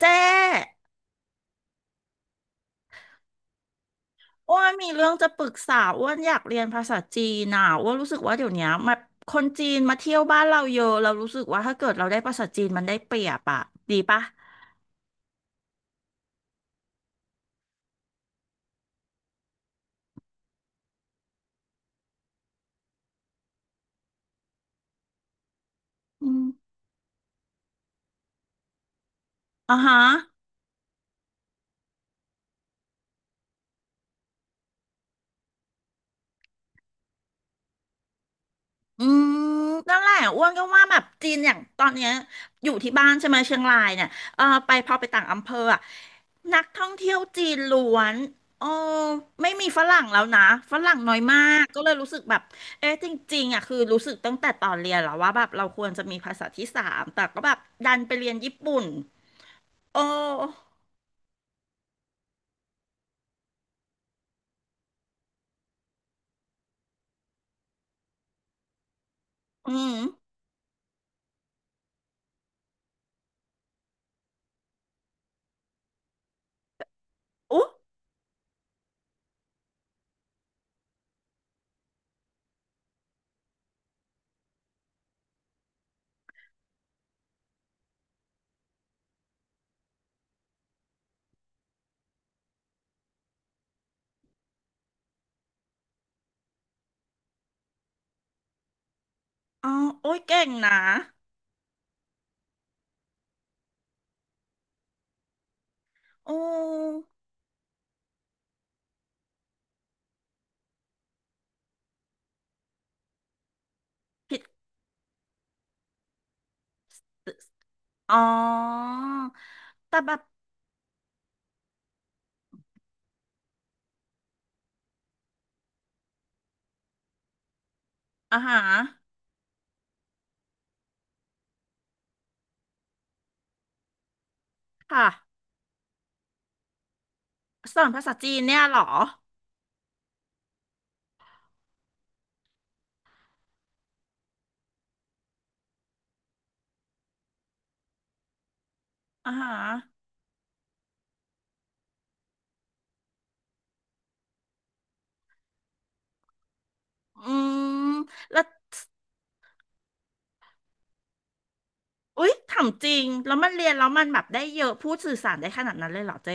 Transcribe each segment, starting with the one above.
เจ๊อ้วนมีเรื่องจะปรึกษาอ้วนอยากเรียนภาษาจีนน่ะอ้วนรู้สึกว่าเดี๋ยวเนี้ยมาคนจีนมาเที่ยวบ้านเราเยอะเรารู้สึกว่าถ้าเกิดเราได้ภาษาจีนมันได้เปรียบอะดีปะอืมอ่ะฮะ อืมนั่นแหละอ้วนก็ว่าแบบจีนอย่างตอนเนี้ยอยู่ที่บ้านใช่ไหมเชียงรายเนี่ยเออไปพอไปต่างอำเภออะนักท่องเที่ยวจีนล้วนโอ้ไม่มีฝรั่งแล้วนะฝรั่งน้อยมากก็เลยรู้สึกแบบเอ๊ะจริงๆอะคือรู้สึกตั้งแต่ตอนเรียนแล้วว่าแบบเราควรจะมีภาษาที่สามแต่ก็แบบดันไปเรียนญี่ปุ่นโอ้อืมอุ๊ยอ๋อโอ้ยเก่งนะโอ้ผิดอ๋อแต่แบบอาฮะค่ะ สอนภาษาจีนเนี่ยเหรออ่าฮะอืมแล้วอุ๊ยถามจริง แล้วมันเรียนแล้วมันแบบได้เยอะพูดสื่อสารได้ขนาดนั้นเลยเหรอเจ๊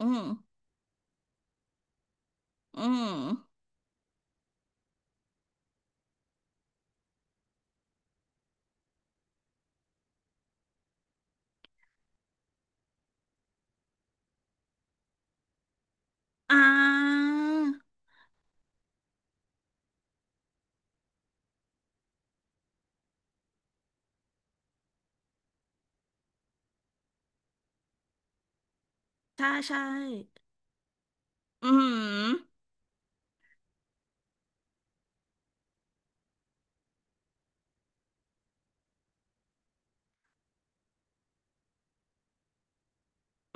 อืมอืมอ่าใช่ใช่อืม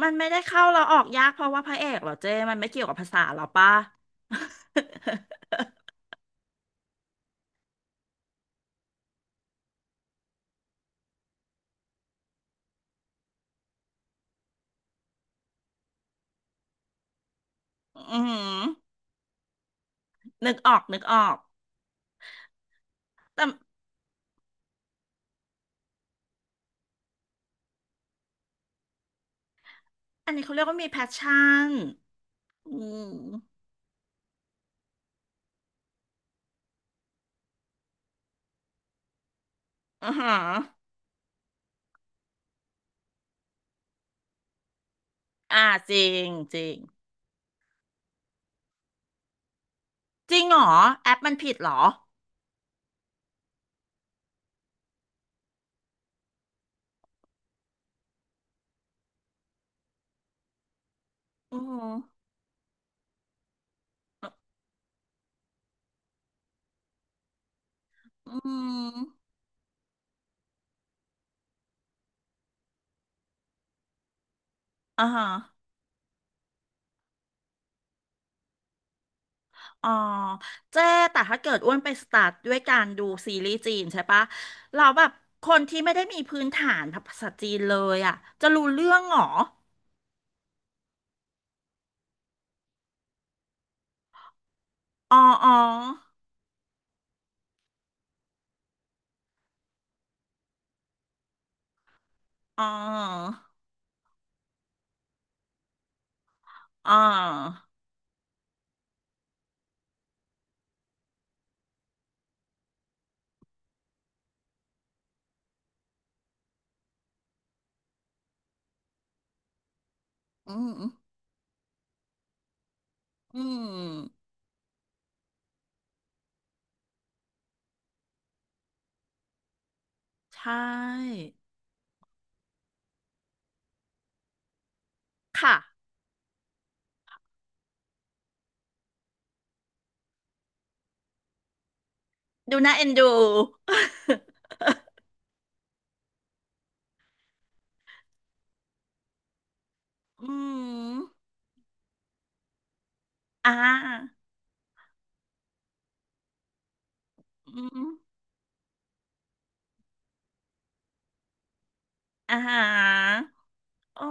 มันไม่ได้เข้าเราออกยากเพราะว่าพระเอกเหรอเจ๊มันไม่เกี่ยวกับภาษาเหรอปะ อืมนึกออกนึกออก แต่ อันนี้เขาเรียกว่ามีแพชชั่นอืมอ่าฮะอ่าจริงจริง จริงเหรอแอปมันผิดเหรออืมอืมอ่าฮะอ๋อเจ๊แต่ถ้าเกิดอ้วนไปสตาร์ทด้วยการดูซีรีส์จีนใช่ปะเราแบบคนที่ไม่ได้มีพื้นฐานภาษาจีนเลยอ่ะจะรู้เรื่องเหรออ๋ออ๋ออ๋ออ๋ออืมอืมใช่ค่ะดูน่าเอ็นดูอืมอ่าอืมอ่าอ๋อ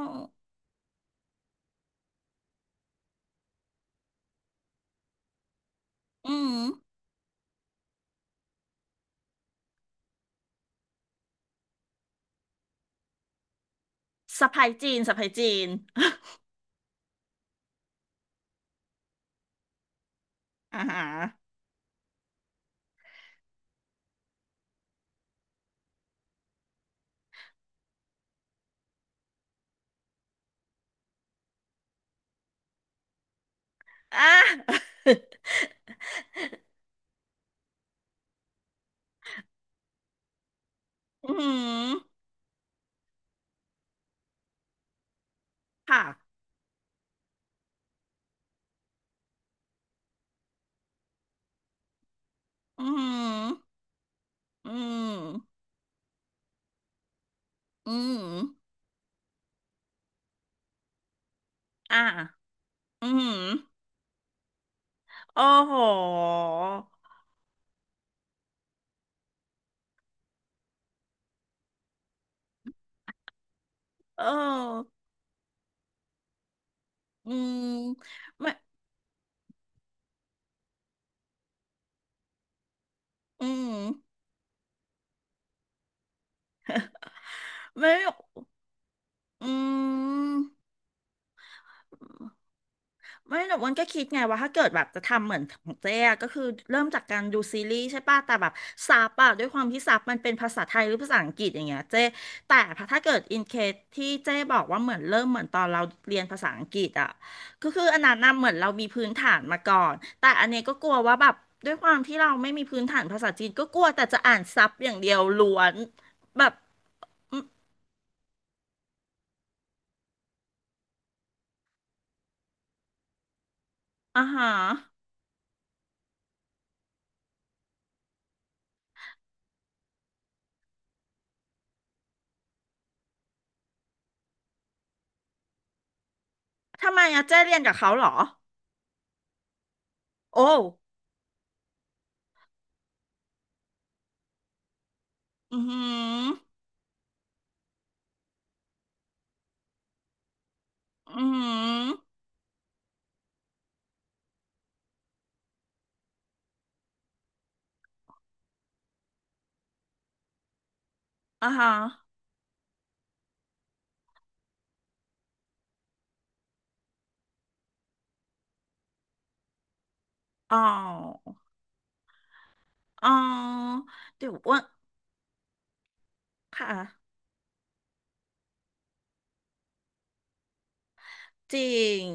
อืม สะใภ้จีนสะใภ้จีนอ่าฮะอ่ะอืมค่ะอืมอืมอืมอ่าอืมโอ้โหเอออืมไม่อืมไม่อืม ไม่แต่อ้วันก็คิดไงว่าถ้าเกิดแบบจะทำเหมือนของเจ๊อะก็คือเริ่มจากการดูซีรีส์ใช่ป่ะแต่แบบซับอะด้วยความที่ซับมันเป็นภาษาไทยหรือภาษาอังกฤษอย่างเงี้ยเจ๊แต่ถ้าเกิดอินเคสที่เจ๊บอกว่าเหมือนเริ่มเหมือนตอนเราเรียนภาษาอังกฤษอะก็คืออันนั้นน่ะเหมือนเรามีพื้นฐานมาก่อนแต่อันเนี้ยก็กลัวว่าแบบด้วยความที่เราไม่มีพื้นฐานภาษาจีนก็กลัวแต่จะอ่านซับอย่างเดียวล้วนแบบอมอ่าฮะทำไมอะเจ๊เรียนกับเขาเหรอโอ้อือหืออือหือ อ่าฮะอ๋ออ๋อเดี๋ยวอ้วนค่ะ จริง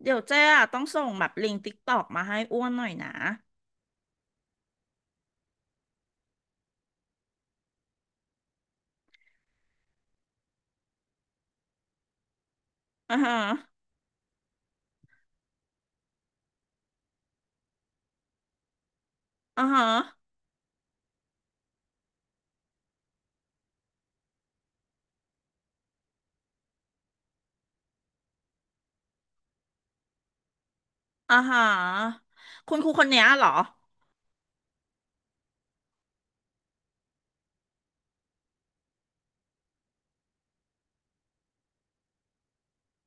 เดี๋ยวเจ๊อะต้องส่งแบบลิงก์ติ๊กตอกมาให้อ้วนหน่อยนะ อ่าฮะอ่าฮะอ่าฮะคุณครูคนเนี้ยเหรอ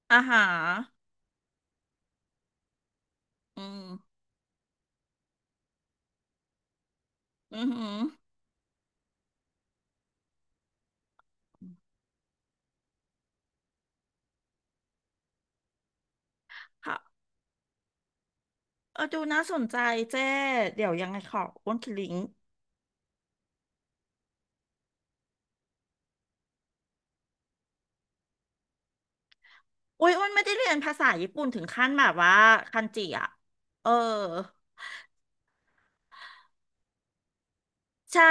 อ่าฮะอืม อือหือค่ะเออดูน่าสนใจเจ๊เดี๋ยวยังไงขออ้วนคดลิงก์อุ้ยอ้วนไม่ได้เรียนภาษาญี่ปุ่นถึงขั้นแบบว่าคันจิอ่ะเออ ใช่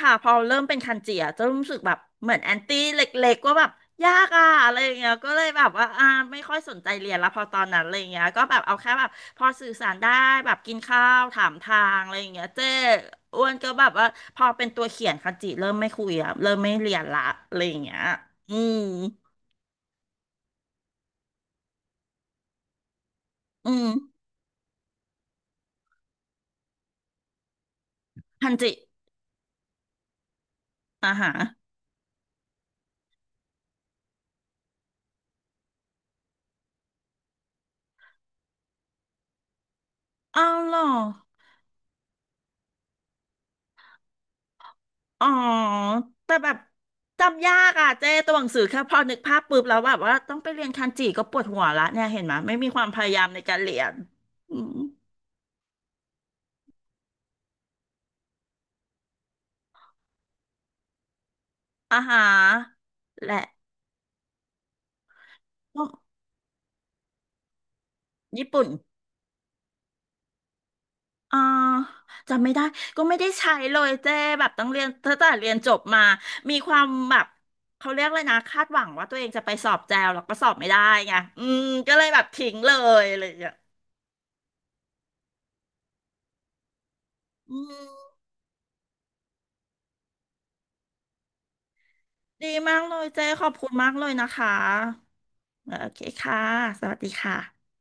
ค่ะพอเริ่มเป็นคันจิอะจะรู้สึกแบบเหมือนแอนตี้เล็กๆว่าแบบยากอะอะไรอย่างเงี้ยก็เลยแบบว่าอ่าไม่ค่อยสนใจเรียนละพอตอนนั้นอะไรอย่างเงี้ยก็แบบเอาแค่แบบพอสื่อสารได้แบบกินข้าวถามทางอะไรอย่างเงี้ยเจ้อ้วนก็แบบว่าพอเป็นตัวเขียนคันจิเริ่มไม่คุยอะเริ่มไม่เรียนละอะไรอย่างเงี้ยอืมอืมคันจิอ่าฮะเอาเหรอ อ๋อแต่แบบจำยากอ่ะเจ้ตัวหนังสือแค่พอนึกภาพปุ๊บแล้วแบบว่าต้องไปเรียนคันจิก็ปวดหัวละเนี่ยเห็นไหมยไม่มีความพยายามในการเรียนอืมอาหารและพวกญี่ปุ่นอ่าจำไม่ได้ก็ไม่ได้ใช้เลยเจ้แบบต้องเรียนตั้งแต่เรียนจบมามีความแบบเขาเรียกเลยนะคาดหวังว่าตัวเองจะไปสอบแจวแล้วก็สอบไม่ได้ไงอืมก็เลยแบบทิ้งเลยอะไรอย่างเลยอ่ะอืมดีมากเลยเจ้ขอบคุณมากเลยนะคะ โอเคค่ะ สวัสดีค่ะ